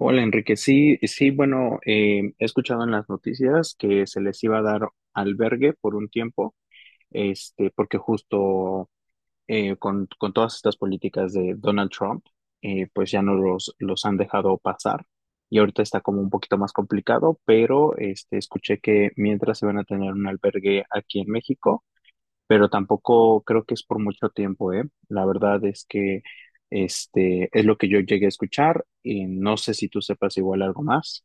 Hola Enrique, sí, sí, bueno, he escuchado en las noticias que se les iba a dar albergue por un tiempo, este, porque justo con todas estas políticas de Donald Trump, pues ya no los han dejado pasar y ahorita está como un poquito más complicado, pero este, escuché que mientras se van a tener un albergue aquí en México, pero tampoco creo que es por mucho tiempo, ¿eh? La verdad es que este es lo que yo llegué a escuchar y no sé si tú sepas igual algo más.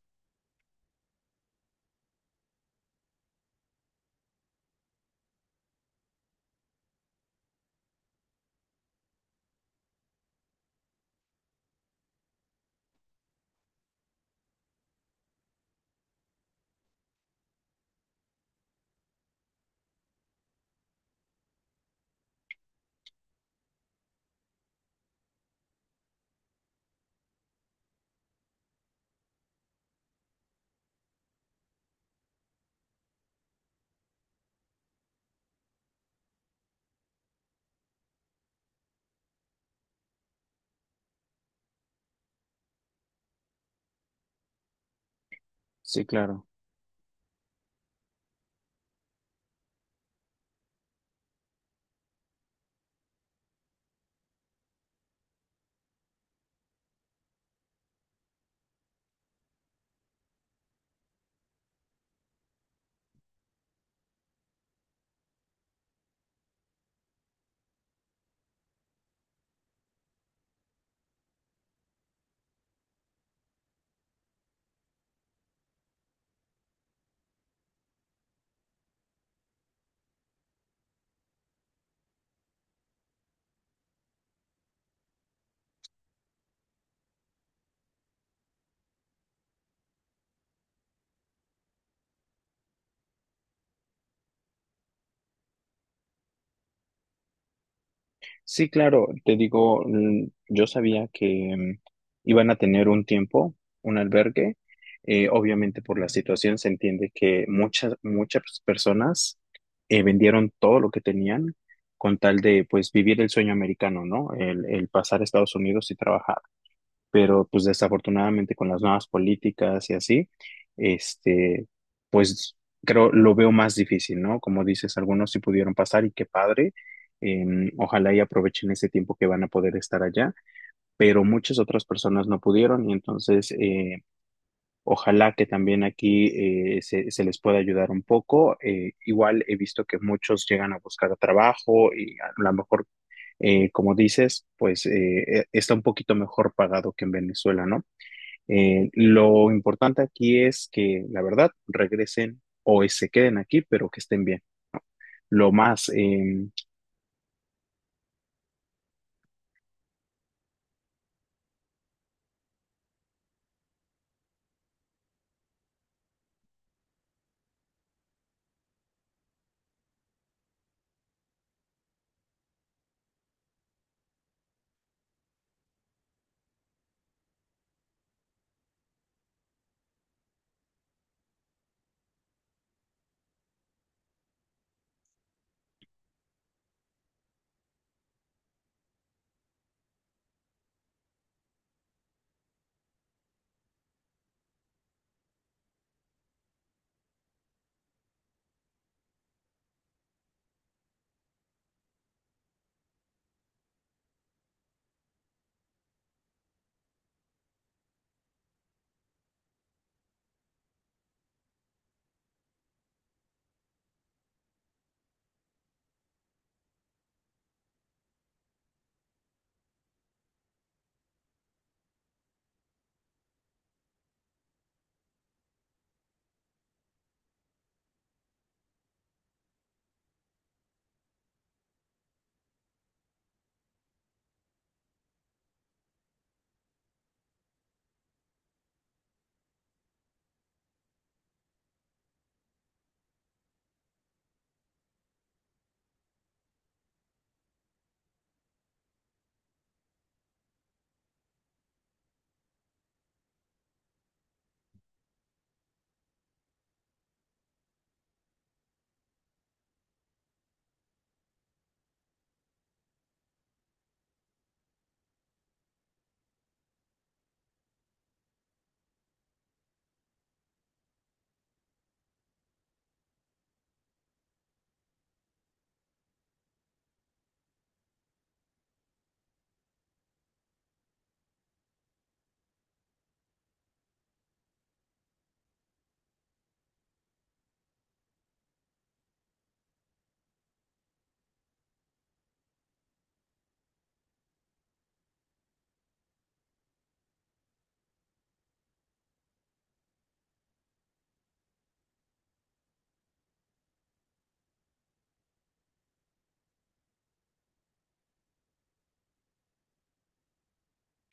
Sí, claro. Sí, claro, te digo, mm, yo sabía que mm, iban a tener un tiempo, un albergue. Obviamente por la situación se entiende que muchas personas vendieron todo lo que tenían con tal de pues vivir el sueño americano, ¿no? El pasar a Estados Unidos y trabajar. Pero pues desafortunadamente con las nuevas políticas y así, este, pues creo lo veo más difícil, ¿no? Como dices, algunos sí pudieron pasar y qué padre. Ojalá y aprovechen ese tiempo que van a poder estar allá, pero muchas otras personas no pudieron y entonces ojalá que también aquí se les pueda ayudar un poco. Igual he visto que muchos llegan a buscar trabajo y a lo mejor, como dices, pues está un poquito mejor pagado que en Venezuela, ¿no? Lo importante aquí es que, la verdad, regresen o se queden aquí, pero que estén bien. Lo más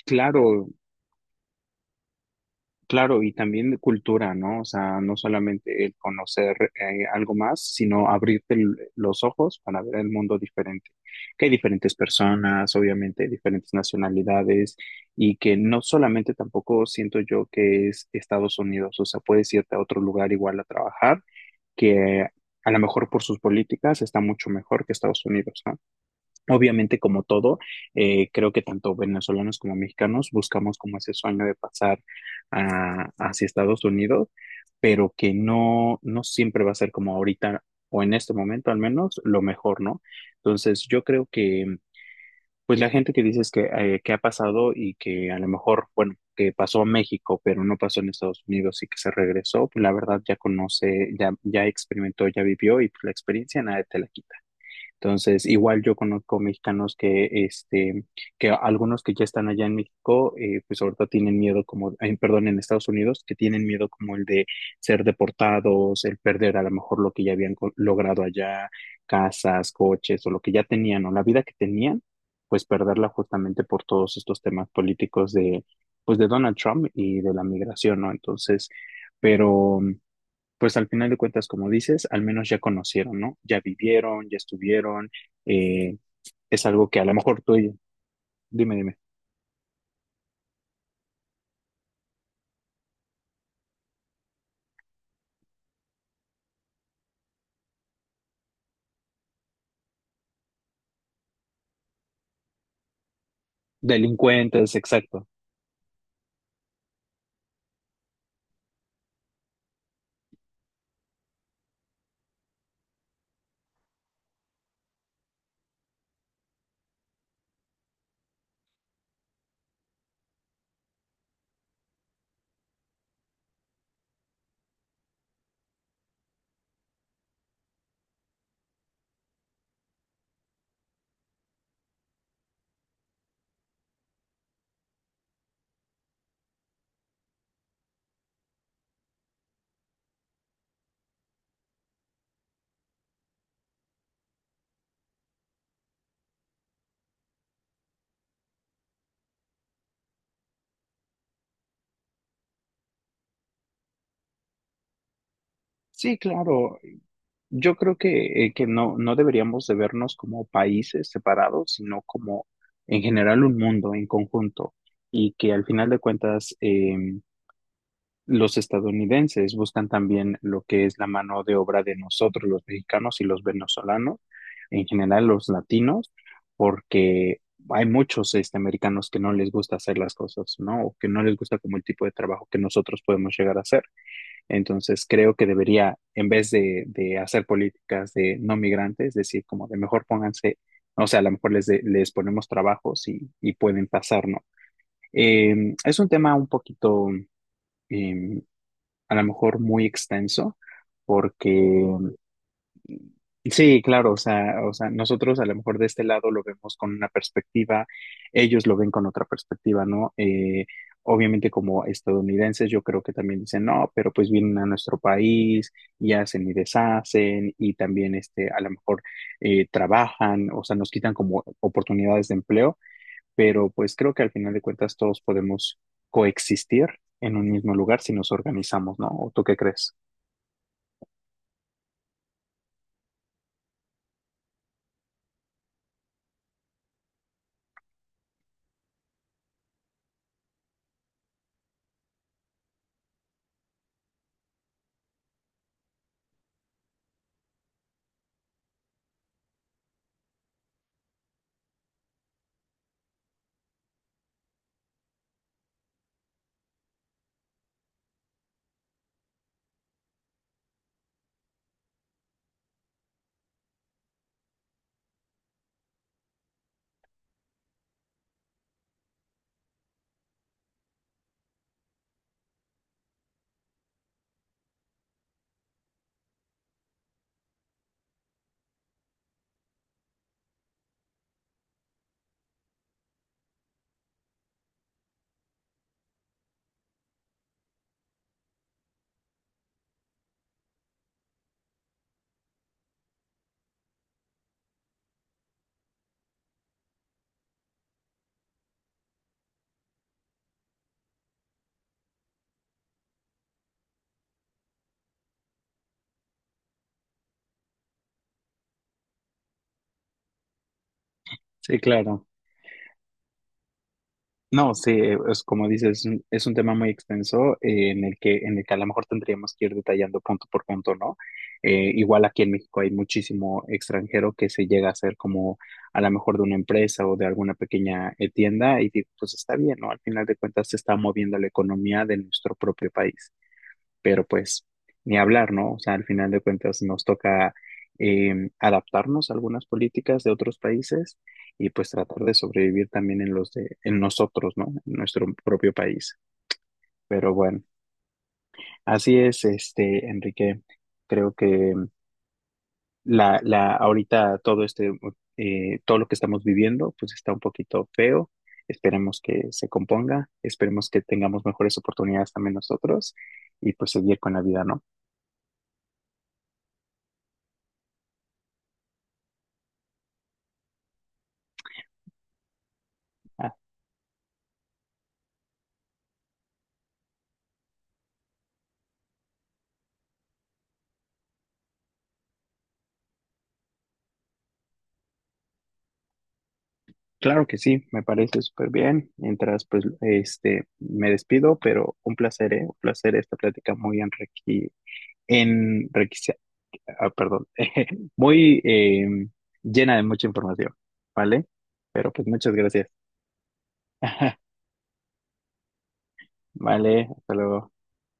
claro, claro, y también de cultura, ¿no? O sea, no solamente el conocer algo más, sino abrirte los ojos para ver el mundo diferente. Que hay diferentes personas, obviamente, diferentes nacionalidades, y que no solamente tampoco siento yo que es Estados Unidos, o sea, puedes irte a otro lugar igual a trabajar que a lo mejor por sus políticas está mucho mejor que Estados Unidos, ¿no? Obviamente, como todo, creo que tanto venezolanos como mexicanos buscamos como ese sueño de pasar hacia Estados Unidos, pero que no, no siempre va a ser como ahorita o en este momento al menos lo mejor, ¿no? Entonces, yo creo que pues la gente que dices que ha pasado y que a lo mejor, bueno, que pasó a México, pero no pasó en Estados Unidos y que se regresó, pues la verdad ya conoce, ya experimentó, ya vivió y pues la experiencia nadie te la quita. Entonces, igual yo conozco mexicanos que, este, que algunos que ya están allá en México, pues ahorita tienen miedo como, ay, perdón, en Estados Unidos, que tienen miedo como el de ser deportados, el perder a lo mejor lo que ya habían logrado allá, casas, coches o lo que ya tenían o la vida que tenían, pues perderla justamente por todos estos temas políticos de, pues de Donald Trump y de la migración, ¿no? Entonces, pero pues al final de cuentas, como dices, al menos ya conocieron, ¿no? Ya vivieron, ya estuvieron, eh, es algo que a lo mejor tú, y dime, dime, delincuentes, exacto. Sí, claro, yo creo que no, no deberíamos de vernos como países separados, sino como en general un mundo en conjunto y que al final de cuentas, los estadounidenses buscan también lo que es la mano de obra de nosotros, los mexicanos y los venezolanos, en general los latinos, porque hay muchos este, americanos que no les gusta hacer las cosas, ¿no? O que no les gusta como el tipo de trabajo que nosotros podemos llegar a hacer. Entonces creo que debería, en vez de hacer políticas de no migrantes, decir como de mejor pónganse, o sea, a lo mejor les, les ponemos trabajos y pueden pasar, ¿no? Es un tema un poquito... eh, a lo mejor muy extenso, porque sí, claro, o sea, nosotros a lo mejor de este lado lo vemos con una perspectiva, ellos lo ven con otra perspectiva, ¿no? Obviamente como estadounidenses yo creo que también dicen, no, pero pues vienen a nuestro país y hacen y deshacen y también este, a lo mejor trabajan, o sea, nos quitan como oportunidades de empleo, pero pues creo que al final de cuentas todos podemos coexistir en un mismo lugar si nos organizamos, ¿no? ¿O tú qué crees? Sí, claro. No, sí, es como dices, es un tema muy extenso en el que a lo mejor tendríamos que ir detallando punto por punto, ¿no? Igual aquí en México hay muchísimo extranjero que se llega a ser como a lo mejor de una empresa o de alguna pequeña tienda y digo, pues está bien, ¿no? Al final de cuentas se está moviendo la economía de nuestro propio país, pero pues ni hablar, ¿no? O sea, al final de cuentas nos toca adaptarnos a algunas políticas de otros países y pues tratar de sobrevivir también en los de, en nosotros, ¿no? En nuestro propio país. Pero bueno, así es, este, Enrique. Creo que la, ahorita todo este, todo lo que estamos viviendo, pues está un poquito feo. Esperemos que se componga, esperemos que tengamos mejores oportunidades también nosotros y pues seguir con la vida, ¿no? Claro que sí, me parece súper bien. Mientras, pues, este, me despido, pero un placer, ¿eh? Un placer esta plática muy enrique, enriquece- ah, perdón, muy llena de mucha información, ¿vale? Pero pues muchas gracias. Vale, hasta luego.